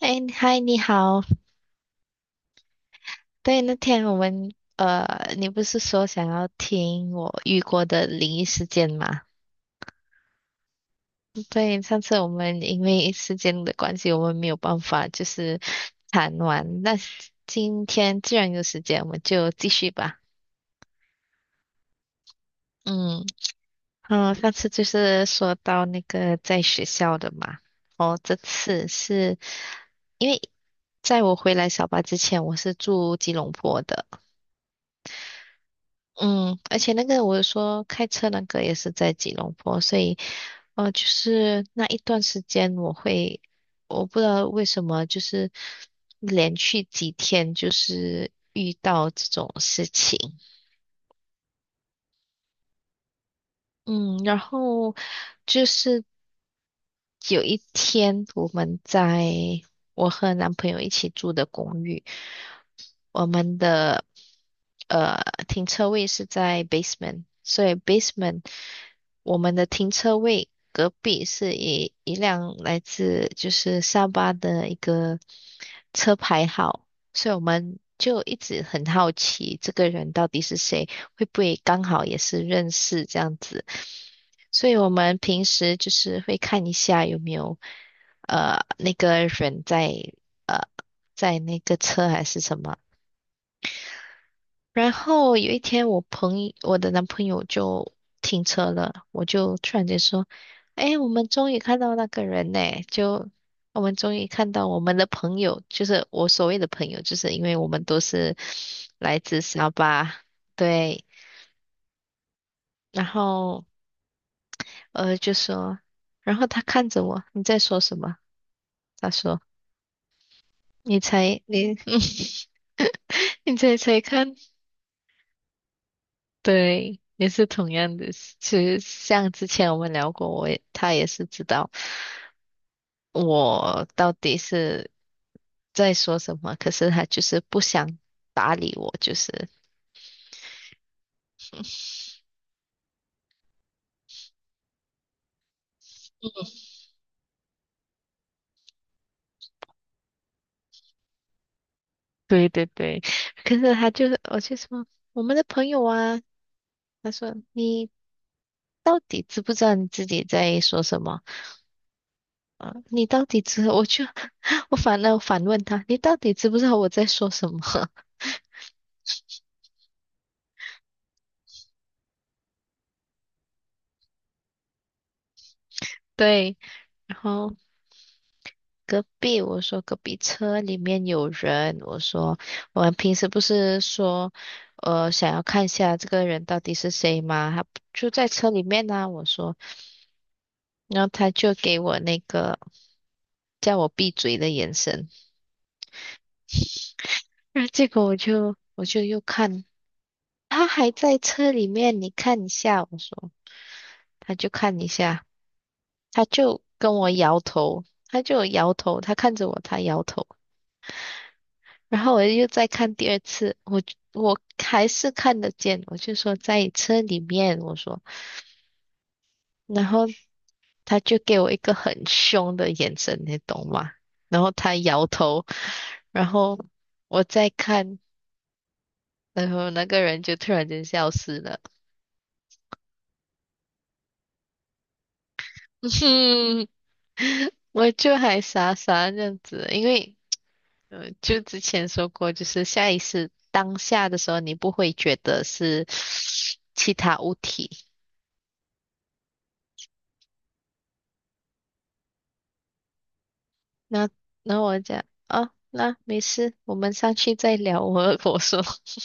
哎，嗨，你好。对，那天我们你不是说想要听我遇过的灵异事件吗？对，上次我们因为时间的关系，我们没有办法就是谈完。那今天既然有时间，我们就继续吧。嗯嗯，上次就是说到那个在学校的嘛。哦，这次是因为在我回来小巴之前，我是住吉隆坡的。嗯，而且那个我说开车那个也是在吉隆坡，所以就是那一段时间我会，我不知道为什么，就是连续几天就是遇到这种事情。嗯，然后就是有一天我们在我和男朋友一起住的公寓，我们的呃停车位是在 basement，所以 basement 我们的停车位隔壁是一辆来自就是沙巴的一个车牌号，所以我们就一直很好奇这个人到底是谁，会不会刚好也是认识这样子，所以我们平时就是会看一下有没有那个人在呃在那个车还是什么。然后有一天，我朋友，我的男朋友就停车了，我就突然间说：“哎，我们终于看到那个人呢！就我们终于看到我们的朋友，就是我所谓的朋友，就是因为我们都是来自沙巴，对。然后就说，然后他看着我，你在说什么？他说：你才你 你猜猜看。”对，也是同样的。其实像之前我们聊过，我也他也是知道我到底是在说什么，可是他就是不想搭理我，就是。对对对，可是他就是，我就说我们的朋友啊，他说你到底知不知道你自己在说什么？啊，你到底知？我就 我反而反问他，你到底知不知道我在说什么？对，然后。隔壁，我说隔壁车里面有人，我说我们平时不是说，想要看一下这个人到底是谁吗？他就在车里面呢、我说，然后他就给我那个叫我闭嘴的眼神，然后结果我就又看，他还在车里面，你看一下，我说，他就看一下，他就跟我摇头，他就摇头，他看着我，他摇头。然后我又再看第二次，我还是看得见，我就说在车里面，我说，然后他就给我一个很凶的眼神，你懂吗？然后他摇头，然后我再看，然后那个人就突然间消失了，我就还傻傻这样子，因为就之前说过，就是下意识当下的时候，你不会觉得是其他物体。那那我讲哦，那没事，我们上去再聊。我说，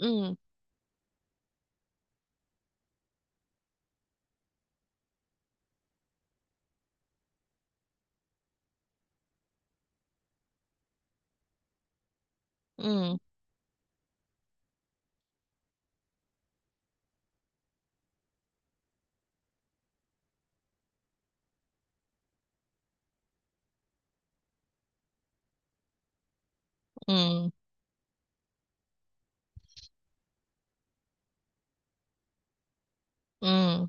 嗯嗯嗯嗯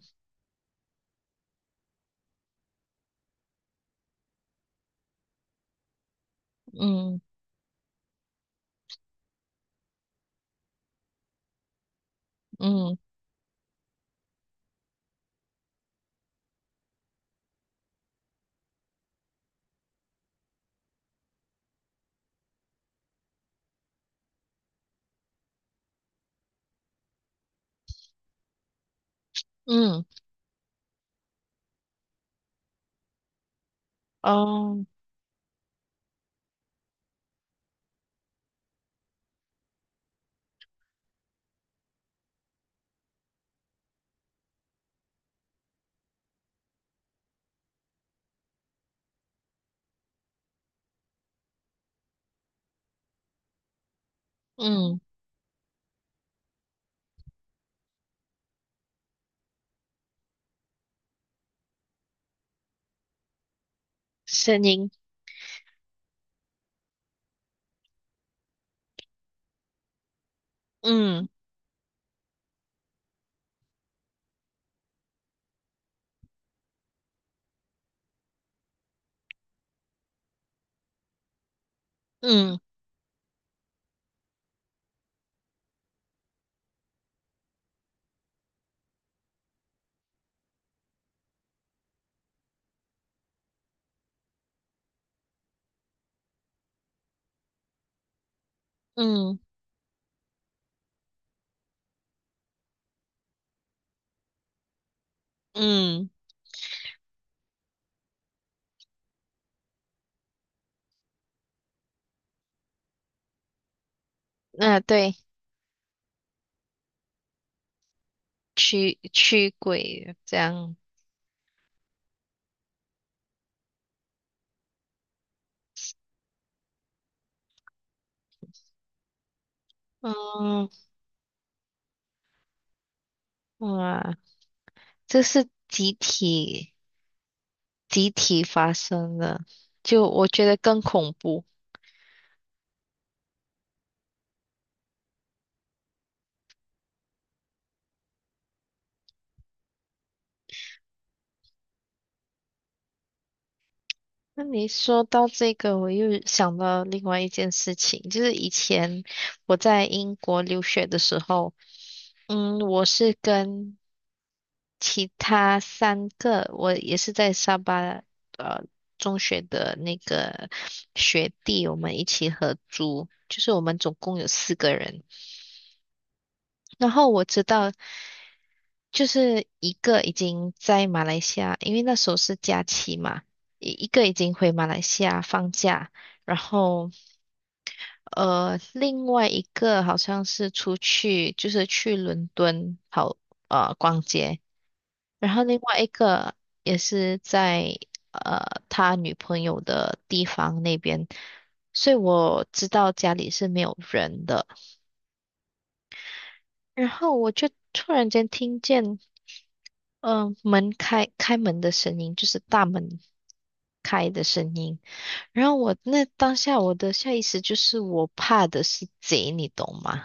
嗯嗯嗯，哦，嗯，声音，嗯嗯嗯嗯，那对，驱驱鬼这样，嗯哇，这是集体发生的，就我觉得更恐怖。那你说到这个，我又想到另外一件事情，就是以前我在英国留学的时候，嗯，我是跟其他三个，我也是在沙巴呃中学的那个学弟，我们一起合租，就是我们总共有四个人。然后我知道，就是一个已经在马来西亚，因为那时候是假期嘛，一个已经回马来西亚放假，然后。另外一个好像是出去，就是去伦敦好逛街，然后另外一个也是在他女朋友的地方那边，所以我知道家里是没有人的。然后我就突然间听见，嗯、开门的声音，就是大门开的声音。然后我那当下我的下意识就是我怕的是贼，你懂吗？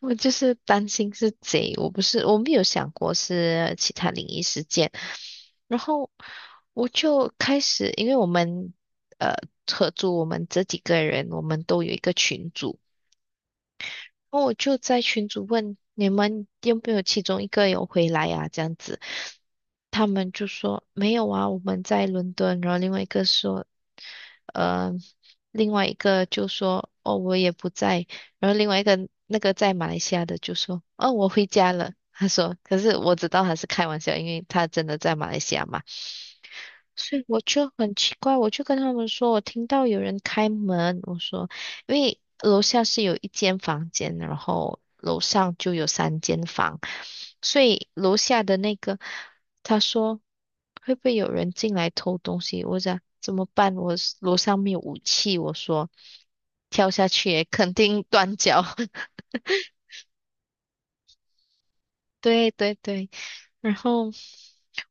我就是担心是贼，我不是，我没有想过是其他灵异事件。然后我就开始，因为我们呃合租，我们这几个人，我们都有一个群组。然后我就在群主问你们有没有其中一个有回来啊？这样子，他们就说没有啊，我们在伦敦。然后另外一个说，呃，另外一个就说哦，我也不在。然后另外一个那个在马来西亚的就说哦，我回家了。他说，可是我知道他是开玩笑，因为他真的在马来西亚嘛。所以我就很奇怪，我就跟他们说，我听到有人开门，我说，因为楼下是有一间房间，然后楼上就有三间房，所以楼下的那个他说会不会有人进来偷东西？我讲怎么办？我是楼上没有武器，我说跳下去也肯定断脚，对对对，然后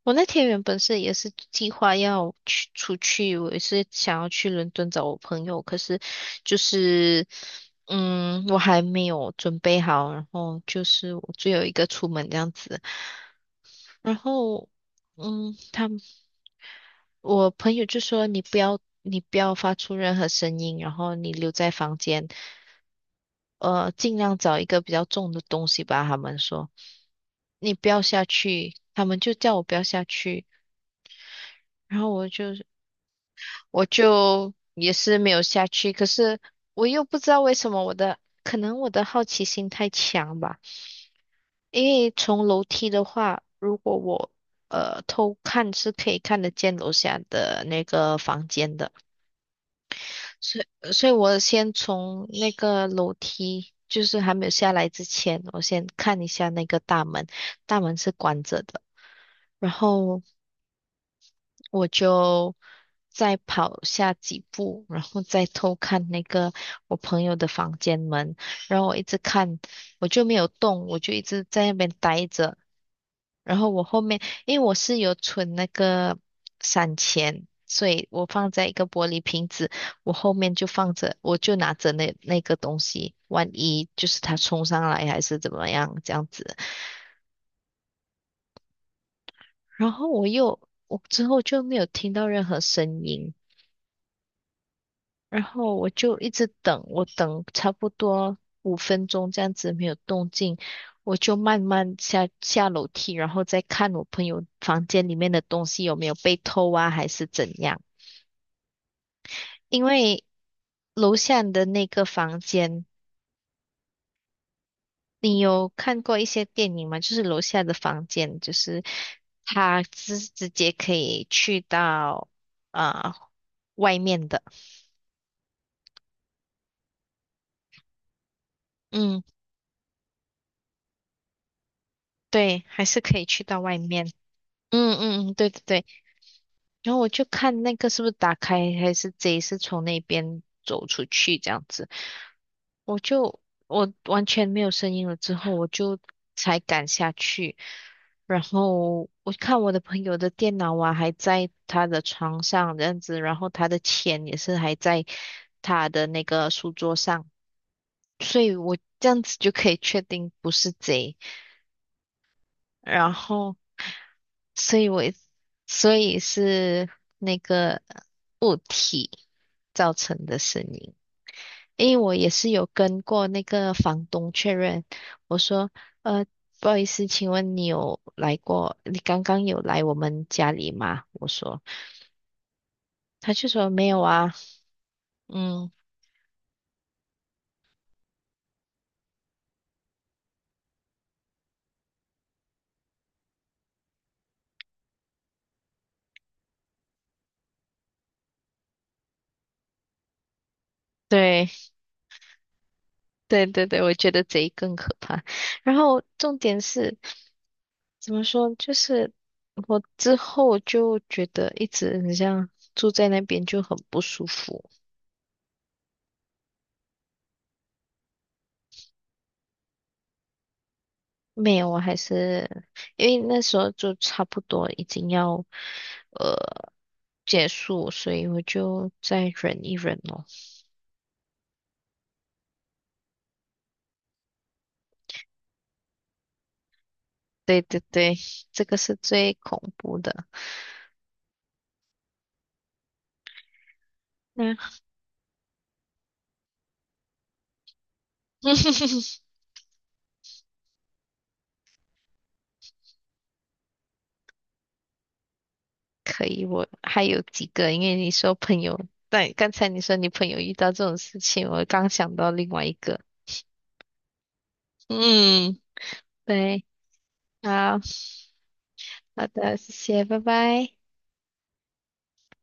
我那天原本是也是计划要去出去，我也是想要去伦敦找我朋友，可是就是嗯，我还没有准备好，然后就是我只有一个出门这样子，然后嗯，他。们。我朋友就说你不要，你不要发出任何声音，然后你留在房间，尽量找一个比较重的东西吧。他们说你不要下去，他们就叫我不要下去，然后我就也是没有下去，可是我又不知道为什么我的，可能我的好奇心太强吧，因为从楼梯的话，如果我偷看是可以看得见楼下的那个房间的。所以，所以我先从那个楼梯，就是还没有下来之前，我先看一下那个大门，大门是关着的。然后我就再跑下几步，然后再偷看那个我朋友的房间门，然后我一直看，我就没有动，我就一直在那边待着。然后我后面，因为我是有存那个散钱，所以我放在一个玻璃瓶子，我后面就放着，我就拿着那个东西，万一就是他冲上来还是怎么样这样子。然后我又，我之后就没有听到任何声音。然后我就一直等，我等差不多五分钟这样子没有动静，我就慢慢下楼梯，然后再看我朋友房间里面的东西有没有被偷啊，还是怎样？因为楼下的那个房间，你有看过一些电影吗？就是楼下的房间，就是他直接可以去到啊、呃外面的，嗯，对，还是可以去到外面。嗯嗯，嗯，对对对。然后我就看那个是不是打开，还是贼是从那边走出去这样子。我就我完全没有声音了之后，我就才敢下去。然后我看我的朋友的电脑啊还在他的床上这样子，然后他的钱也是还在他的那个书桌上，所以我这样子就可以确定不是贼。然后所以我所以是那个物体造成的声音。因为我也是有跟过那个房东确认，我说，呃，不好意思，请问你有来过？你刚刚有来我们家里吗？我说，他就说没有啊。嗯，对，对对对，我觉得贼更可怕。然后重点是。怎么说？就是我之后就觉得一直很像住在那边就很不舒服。没有，我还是因为那时候就差不多已经要呃结束，所以我就再忍一忍咯。对对对，这个是最恐怖的。嗯，可以，我还有几个，因为你说朋友，对，刚才你说你朋友遇到这种事情，我刚想到另外一个。嗯，对，好。好的，谢谢，拜拜。